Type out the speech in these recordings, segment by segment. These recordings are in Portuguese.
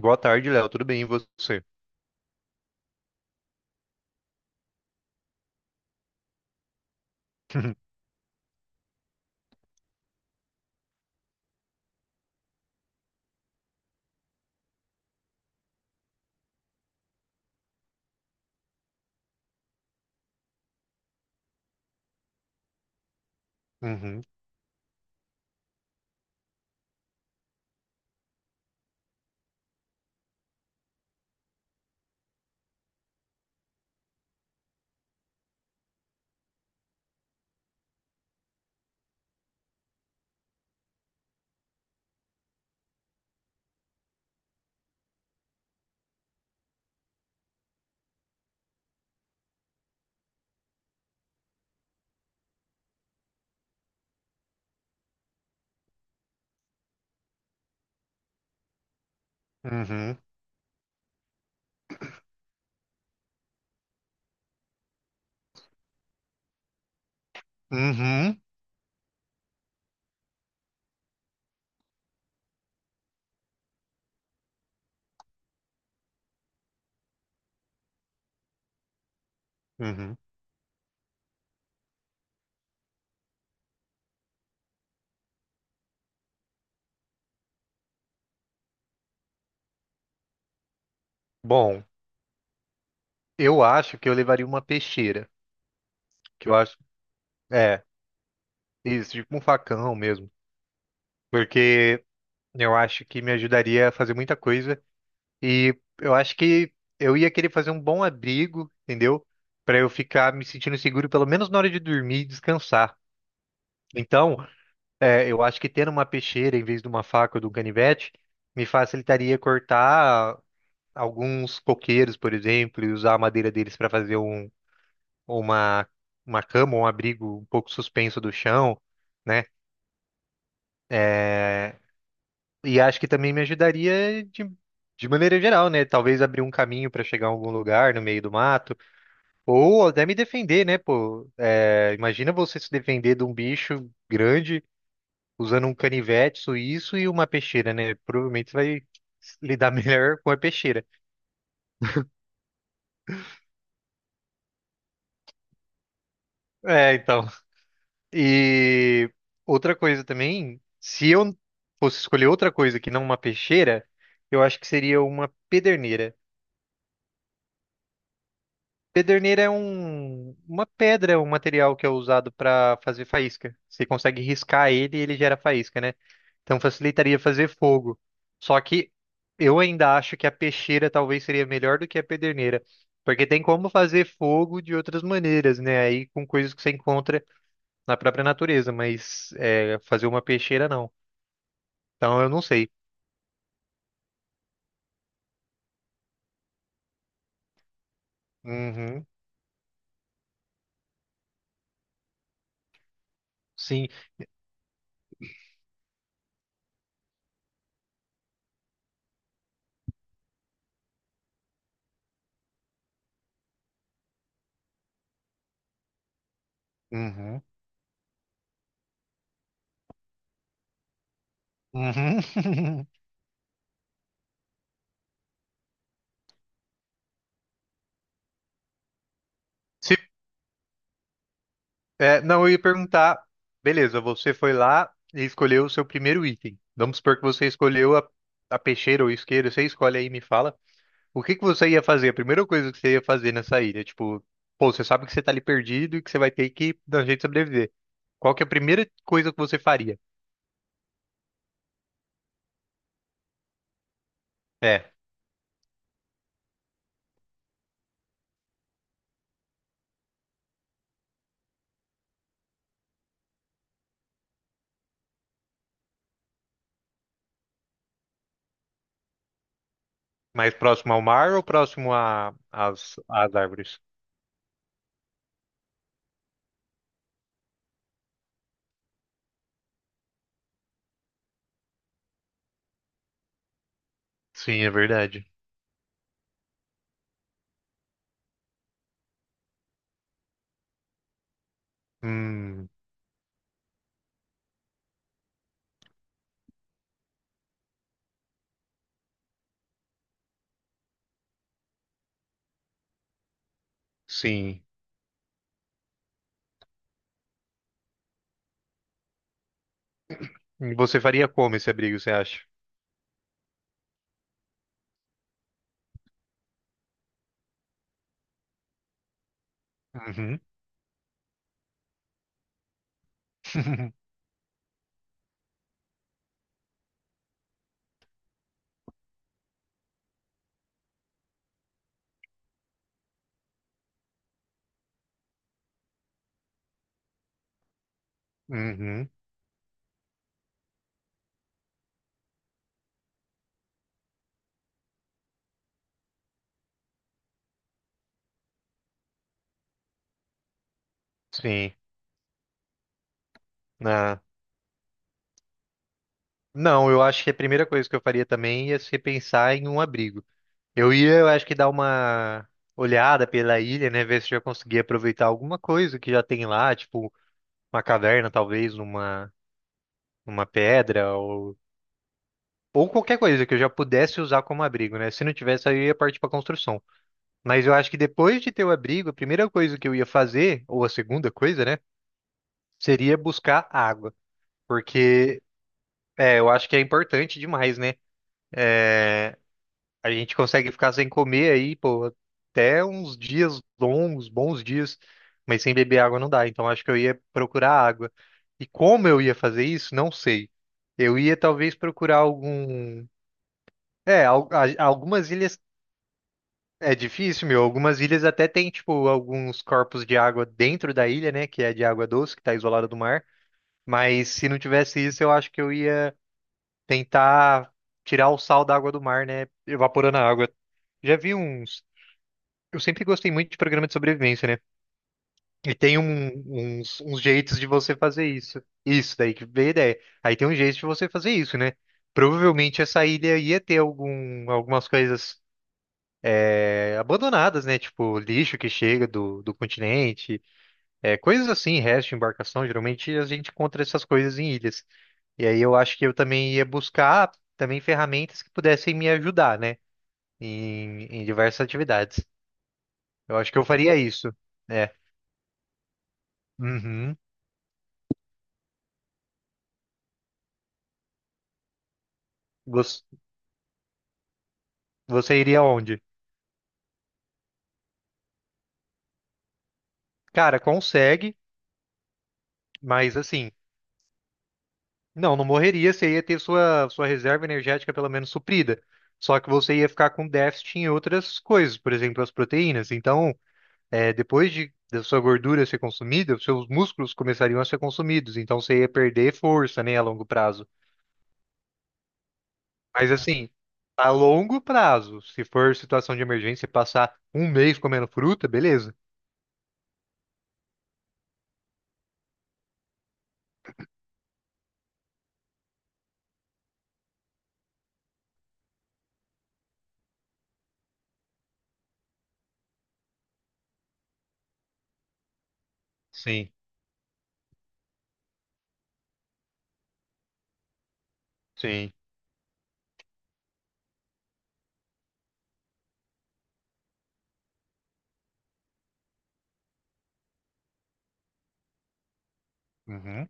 Boa tarde, Léo. Tudo bem, e você? Uhum, uhum, uhum, uhum. Bom, eu acho que eu levaria uma peixeira. Que eu acho. É, isso, tipo um facão mesmo. Porque eu acho que me ajudaria a fazer muita coisa. E eu acho que eu ia querer fazer um bom abrigo, entendeu? Pra eu ficar me sentindo seguro, pelo menos na hora de dormir e descansar. Então, eu acho que tendo uma peixeira em vez de uma faca ou de um canivete me facilitaria cortar alguns coqueiros, por exemplo, e usar a madeira deles para fazer uma, uma cama, um abrigo um pouco suspenso do chão, né? É, e acho que também me ajudaria de maneira geral, né? Talvez abrir um caminho para chegar a algum lugar no meio do mato, ou até me defender, né? Pô, é, imagina você se defender de um bicho grande usando um canivete suíço e uma peixeira, né? Provavelmente você vai lidar melhor com a peixeira. É, então. E outra coisa também, se eu fosse escolher outra coisa que não uma peixeira, eu acho que seria uma pederneira. Pederneira é uma pedra, é um material que é usado para fazer faísca. Você consegue riscar ele e ele gera faísca, né? Então facilitaria fazer fogo. Só que eu ainda acho que a peixeira talvez seria melhor do que a pederneira. Porque tem como fazer fogo de outras maneiras, né? Aí com coisas que você encontra na própria natureza, mas fazer uma peixeira não. Então eu não sei. Uhum, sim. Uhum, uhum. Se, é, não, eu ia perguntar. Beleza, você foi lá e escolheu o seu primeiro item. Vamos supor que você escolheu a peixeira ou isqueiro. Você escolhe aí e me fala. O que que você ia fazer? A primeira coisa que você ia fazer nessa ilha? Tipo, pô, você sabe que você tá ali perdido e que você vai ter que dar um jeito de sobreviver. Qual que é a primeira coisa que você faria? É, mais próximo ao mar ou próximo às árvores? Sim, é verdade. Hum, sim. E você faria como esse abrigo, você acha? Uhum. Uhum. Sim. Ah. Não, eu acho que a primeira coisa que eu faria também ia ser pensar em um abrigo. Eu acho que dar uma olhada pela ilha, né? Ver se eu já conseguia aproveitar alguma coisa que já tem lá, tipo uma caverna, talvez, uma pedra ou qualquer coisa que eu já pudesse usar como abrigo, né? Se não tivesse, aí eu ia partir para construção. Mas eu acho que depois de ter o abrigo, a primeira coisa que eu ia fazer, ou a segunda coisa, né? Seria buscar água. Porque eu acho que é importante demais, né? A gente consegue ficar sem comer aí, pô, até uns dias longos, bons dias, mas sem beber água não dá. Então acho que eu ia procurar água. E como eu ia fazer isso, não sei. Eu ia talvez procurar algum. É, algumas ilhas. É difícil, meu. Algumas ilhas até tem, tipo, alguns corpos de água dentro da ilha, né? Que é de água doce, que tá isolada do mar. Mas se não tivesse isso, eu acho que eu ia tentar tirar o sal da água do mar, né? Evaporando a água. Já vi uns. Eu sempre gostei muito de programa de sobrevivência, né? E tem uns, uns jeitos de você fazer isso. Isso daí, que veio a ideia. Aí tem um jeito de você fazer isso, né? Provavelmente essa ilha ia ter algumas coisas abandonadas, né? Tipo, lixo que chega do continente, é, coisas assim, resto de embarcação. Geralmente a gente encontra essas coisas em ilhas. E aí eu acho que eu também ia buscar também ferramentas que pudessem me ajudar, né? Em diversas atividades. Eu acho que eu faria isso. É. Uhum. Você, você iria onde? Cara, consegue, mas assim, não, não morreria, você ia ter sua reserva energética pelo menos suprida. Só que você ia ficar com déficit em outras coisas, por exemplo, as proteínas. Então, depois da sua gordura ser consumida, os seus músculos começariam a ser consumidos. Então, você ia perder força, né, a longo prazo. Mas assim, a longo prazo, se for situação de emergência, e passar um mês comendo fruta, beleza. Sim, sim. Uhum.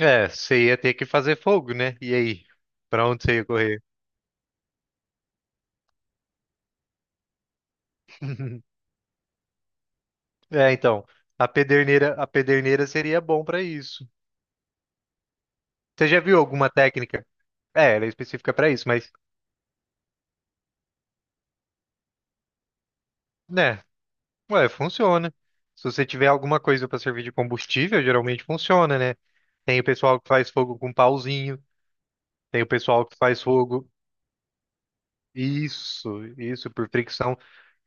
É, você ia ter que fazer fogo, né? E aí? Pra onde você ia correr? É, então, a pederneira seria bom pra isso. Você já viu alguma técnica? É, ela é específica pra isso, mas, né? Ué, funciona. Se você tiver alguma coisa pra servir de combustível, geralmente funciona, né? Tem o pessoal que faz fogo com pauzinho, tem o pessoal que faz fogo. Isso, por fricção.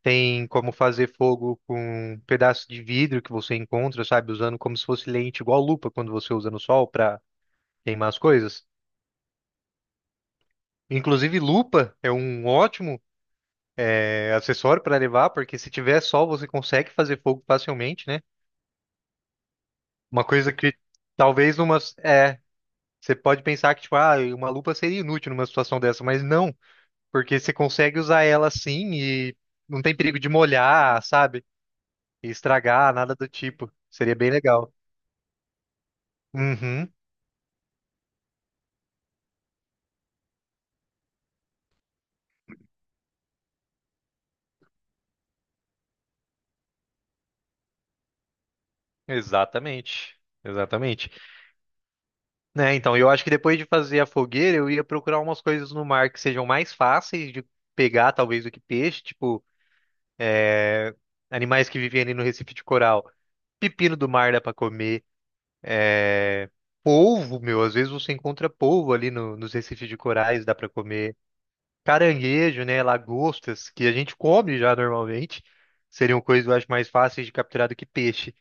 Tem como fazer fogo com um pedaço de vidro que você encontra, sabe? Usando como se fosse lente, igual lupa quando você usa no sol para queimar as coisas. Inclusive, lupa é um ótimo acessório para levar, porque se tiver sol você consegue fazer fogo facilmente, né? Uma coisa que talvez numa. É, você pode pensar que, tipo, ah, uma lupa seria inútil numa situação dessa, mas não, porque você consegue usar ela assim e não tem perigo de molhar, sabe? E estragar, nada do tipo. Seria bem legal. Uhum, exatamente. Exatamente. Né, então, eu acho que depois de fazer a fogueira, eu ia procurar umas coisas no mar que sejam mais fáceis de pegar, talvez, do que peixe, tipo, animais que vivem ali no Recife de Coral. Pepino do mar dá pra comer. É... Polvo, meu, às vezes você encontra polvo ali nos recifes de corais, dá pra comer. Caranguejo, né, lagostas, que a gente come já normalmente, seriam coisas, eu acho, mais fáceis de capturar do que peixe.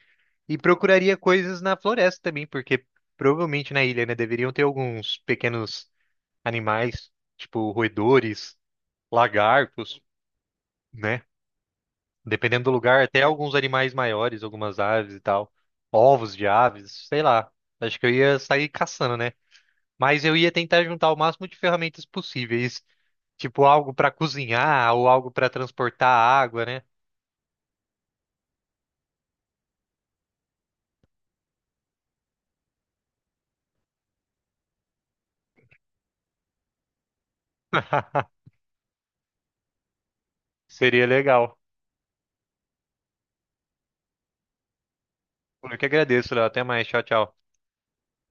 E procuraria coisas na floresta também, porque provavelmente na ilha, né, deveriam ter alguns pequenos animais, tipo roedores, lagartos, né? Dependendo do lugar, até alguns animais maiores, algumas aves e tal, ovos de aves, sei lá. Acho que eu ia sair caçando, né? Mas eu ia tentar juntar o máximo de ferramentas possíveis, tipo algo para cozinhar ou algo para transportar água, né? Seria legal. Eu que agradeço, Léo. Até mais. Tchau, tchau.